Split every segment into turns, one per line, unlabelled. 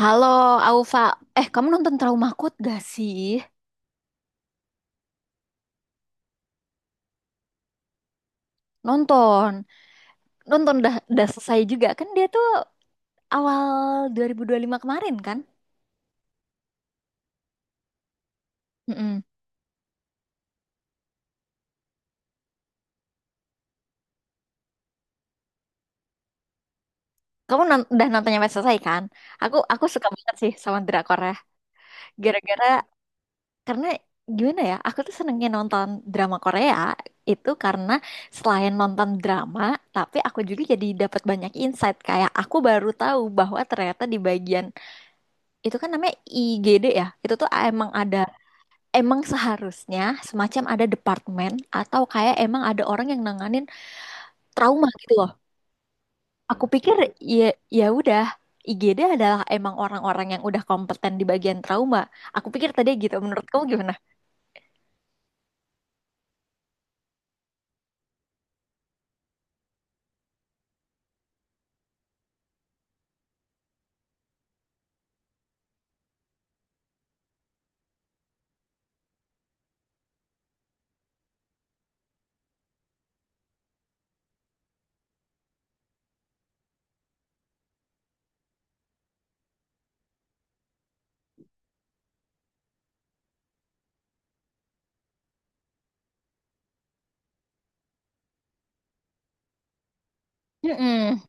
Halo, Aufa. Eh, kamu nonton Trauma Code gak sih? Nonton. Nonton dah, dah selesai juga. Kan dia tuh awal 2025 kemarin kan? Mm-mm. Kamu udah nonton sampai selesai kan? Aku suka banget sih sama drama Korea. Gara-gara karena gimana ya? Aku tuh senengnya nonton drama Korea itu karena selain nonton drama, tapi aku juga jadi dapat banyak insight. Kayak aku baru tahu bahwa ternyata di bagian itu kan namanya IGD ya. Itu tuh emang ada, emang seharusnya semacam ada departemen atau kayak emang ada orang yang nanganin trauma gitu loh. Aku pikir ya, ya udah IGD adalah emang orang-orang yang udah kompeten di bagian trauma. Aku pikir tadi gitu. Menurut kamu gimana? Mm-mm.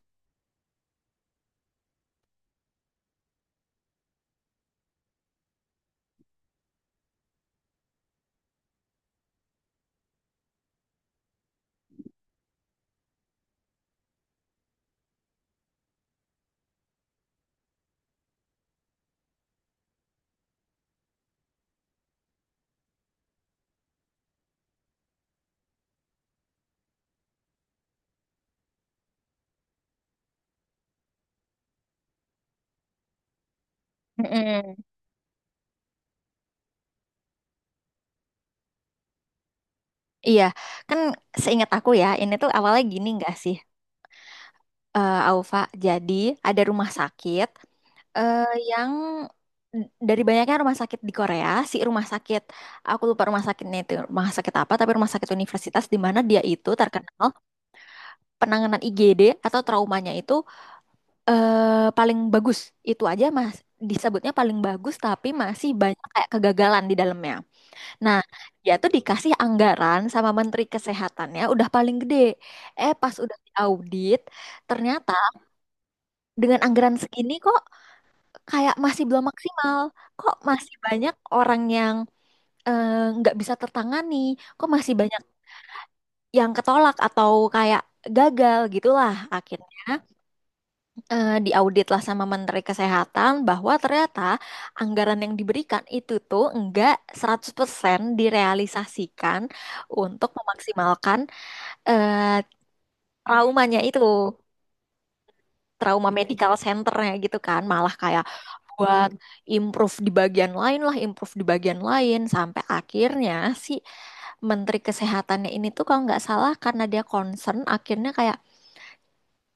Mm-mm. Iya, kan seingat aku ya, ini tuh awalnya gini nggak sih, eh Aufa? Jadi ada rumah sakit, eh yang dari banyaknya rumah sakit di Korea, si rumah sakit, aku lupa rumah sakitnya itu rumah sakit apa, tapi rumah sakit universitas di mana dia itu terkenal penanganan IGD atau traumanya itu paling bagus. Itu aja mas, disebutnya paling bagus, tapi masih banyak kayak kegagalan di dalamnya. Nah, dia tuh dikasih anggaran sama Menteri Kesehatannya udah paling gede. Pas udah diaudit, ternyata dengan anggaran segini kok kayak masih belum maksimal. Kok masih banyak orang yang eh, nggak bisa tertangani? Kok masih banyak yang ketolak atau kayak gagal gitulah akhirnya diaudit lah sama Menteri Kesehatan bahwa ternyata anggaran yang diberikan itu tuh enggak 100% direalisasikan untuk memaksimalkan eh, traumanya itu. Trauma medical centernya gitu kan malah kayak buat improve di bagian lain lah, improve di bagian lain sampai akhirnya si menteri kesehatannya ini tuh kalau nggak salah karena dia concern akhirnya kayak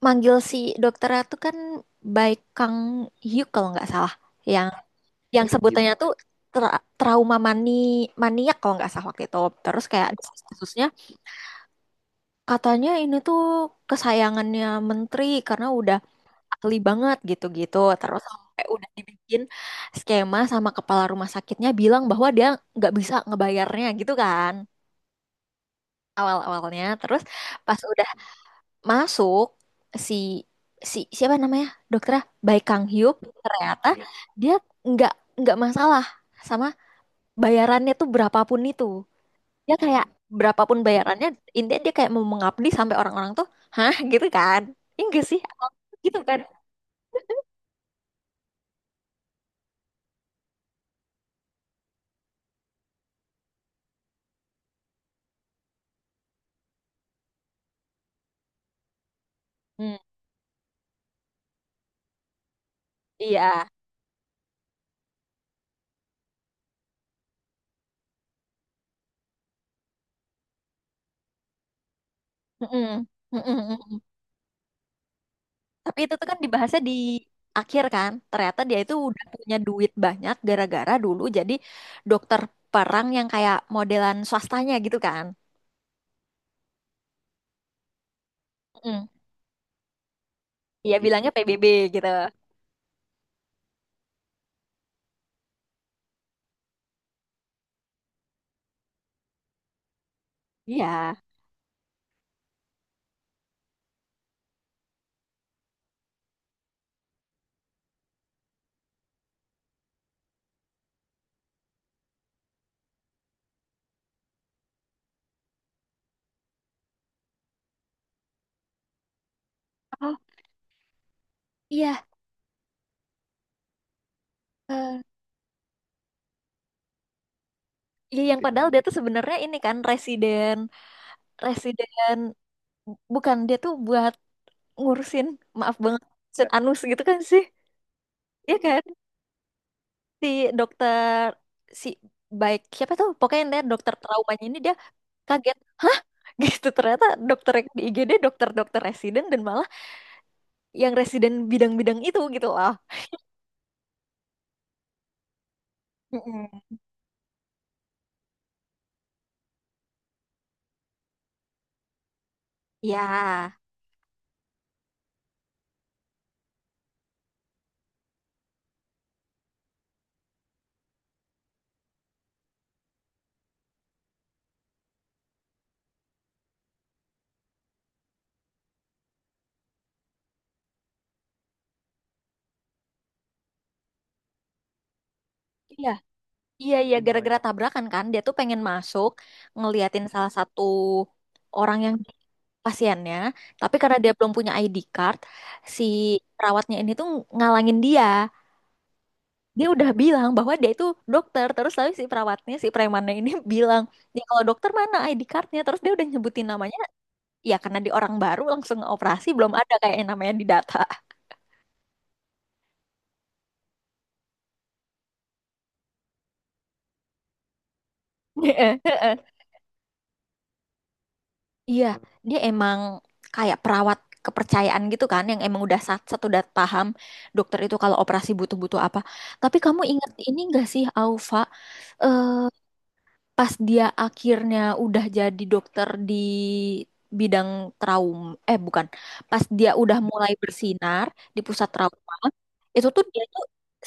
manggil si dokternya tuh kan, Baik Kang Hyuk kalau nggak salah, yang yang sebutannya tuh trauma maniak kalau nggak salah waktu itu. Terus kayak kasusnya katanya ini tuh kesayangannya menteri karena udah ahli banget gitu-gitu. Terus sampai udah dibikin skema sama kepala rumah sakitnya bilang bahwa dia nggak bisa ngebayarnya gitu kan awal-awalnya. Terus pas udah masuk si si siapa namanya, dokternya Bae Kang Hyuk, ternyata dia nggak nggak masalah sama bayarannya tuh berapapun itu. Dia kayak berapapun bayarannya intinya dia kayak mau mengabdi sampai orang-orang tuh hah gitu kan. Iya nggak sih? Gitu kan. Hmm, iya. Mm-mm. Mm-mm, mm-mm. Tapi itu tuh kan dibahasnya di akhir kan. Ternyata dia itu udah punya duit banyak gara-gara dulu jadi dokter perang yang kayak modelan swastanya gitu kan. Mm. Dia bilangnya PBB gitu. Iya. Oh, iya. Eh, Iya, yang padahal dia tuh sebenarnya ini kan residen, residen bukan dia tuh buat ngurusin, maaf banget, ngurusin anus gitu kan sih. Iya kan si dokter, si baik siapa tuh, pokoknya dia dokter traumanya ini dia kaget hah gitu, ternyata dokter yang di IGD dokter-dokter residen dan malah yang residen bidang-bidang itu gitu loh. Mm-mm. Ya, iya iya iya, gara-gara tabrakan kan dia tuh pengen masuk ngeliatin salah satu orang yang pasiennya, tapi karena dia belum punya ID card si perawatnya ini tuh ngalangin dia. Dia udah bilang bahwa dia itu dokter, terus lalu si perawatnya, si premannya ini bilang, ya kalau dokter mana ID cardnya, terus dia udah nyebutin namanya. Iya, karena di orang baru langsung operasi belum ada kayak yang namanya di data. Iya, dia emang kayak perawat kepercayaan gitu kan, yang emang udah sat-sat udah paham dokter itu kalau operasi butuh-butuh apa. Tapi kamu ingat ini gak sih, Aufa? Eh, Pas dia akhirnya udah jadi dokter di bidang trauma, eh bukan, pas dia udah mulai bersinar di pusat trauma, itu tuh dia tuh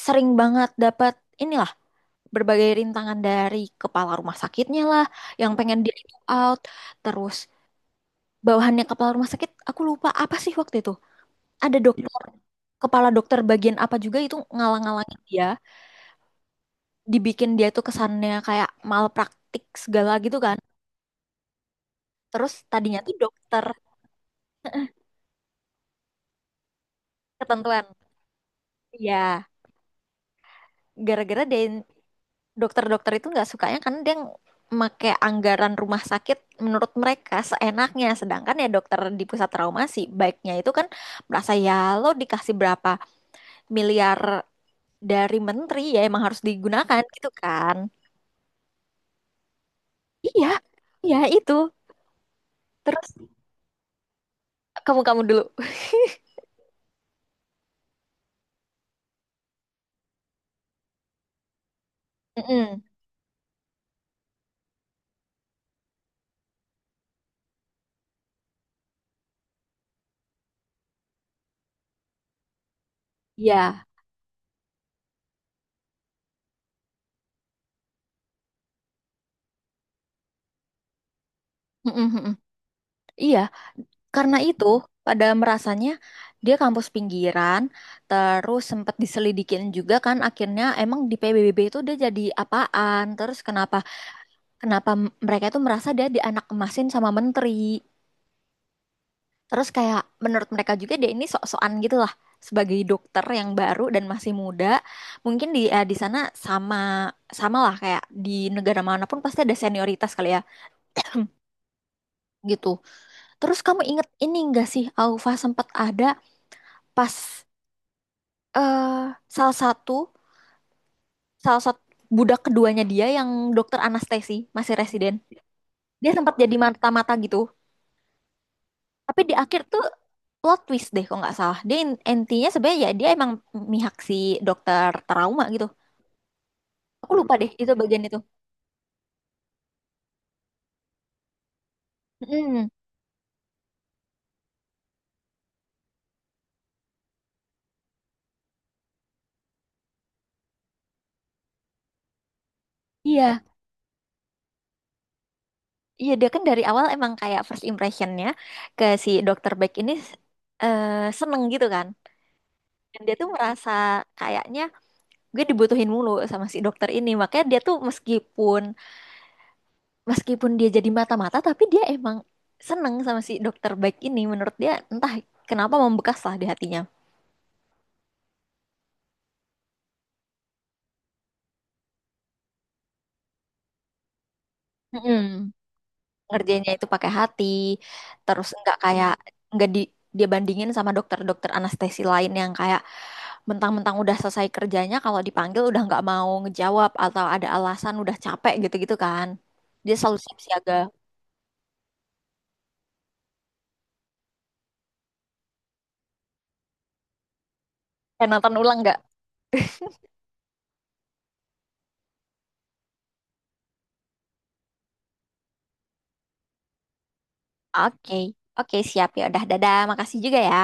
sering banget dapat ini berbagai rintangan dari kepala rumah sakitnya lah yang pengen di itu out, terus bawahannya kepala rumah sakit, aku lupa apa sih waktu itu, ada dokter kepala dokter bagian apa juga itu ngalang-ngalangin dia, dibikin dia tuh kesannya kayak malpraktik segala gitu kan. Terus tadinya tuh dokter ketentuan, ya gara-gara dia, dokter-dokter itu nggak sukanya karena dia pakai anggaran rumah sakit menurut mereka seenaknya. Sedangkan ya dokter di pusat trauma sih baiknya itu kan merasa, ya lo dikasih berapa miliar dari menteri ya emang harus digunakan gitu kan. Iya, iya itu. Terus kamu kamu dulu. Mm-mm. Iya. Mm mm-mm. Iya, karena itu pada merasanya dia kampus pinggiran, terus sempat diselidikin juga kan akhirnya emang di PBB itu dia jadi apaan, terus kenapa, mereka itu merasa dia di anak emasin sama menteri. Terus kayak menurut mereka juga dia ini sok-sokan gitu lah sebagai dokter yang baru dan masih muda. Mungkin di sana sama sama lah kayak di negara manapun pasti ada senioritas kali ya gitu. Terus kamu inget ini enggak sih Aufa, sempat ada pas eh salah satu salah satu budak keduanya dia yang dokter anestesi masih residen, dia sempat jadi mata-mata gitu tapi di akhir tuh plot twist deh kalau nggak salah dia, intinya sebenarnya ya dia emang mihak si dokter trauma gitu, aku lupa deh itu bagian itu. Mm, iya iya dia kan dari awal emang kayak first impressionnya ke si dokter Beck ini eh, seneng gitu kan, dan dia tuh merasa kayaknya gue dibutuhin mulu sama si dokter ini makanya dia tuh meskipun meskipun dia jadi mata-mata tapi dia emang seneng sama si dokter baik ini menurut dia entah kenapa membekas lah di hatinya. Mm-mm. Ngerjainnya itu pakai hati terus nggak kayak, nggak di, dia bandingin sama dokter-dokter anestesi lain yang kayak mentang-mentang udah selesai kerjanya kalau dipanggil udah nggak mau ngejawab atau ada alasan udah capek gitu-gitu kan dia selalu siap siaga. Eh, nonton ulang nggak? Oke, oke, siap, ya udah, dadah, makasih juga ya.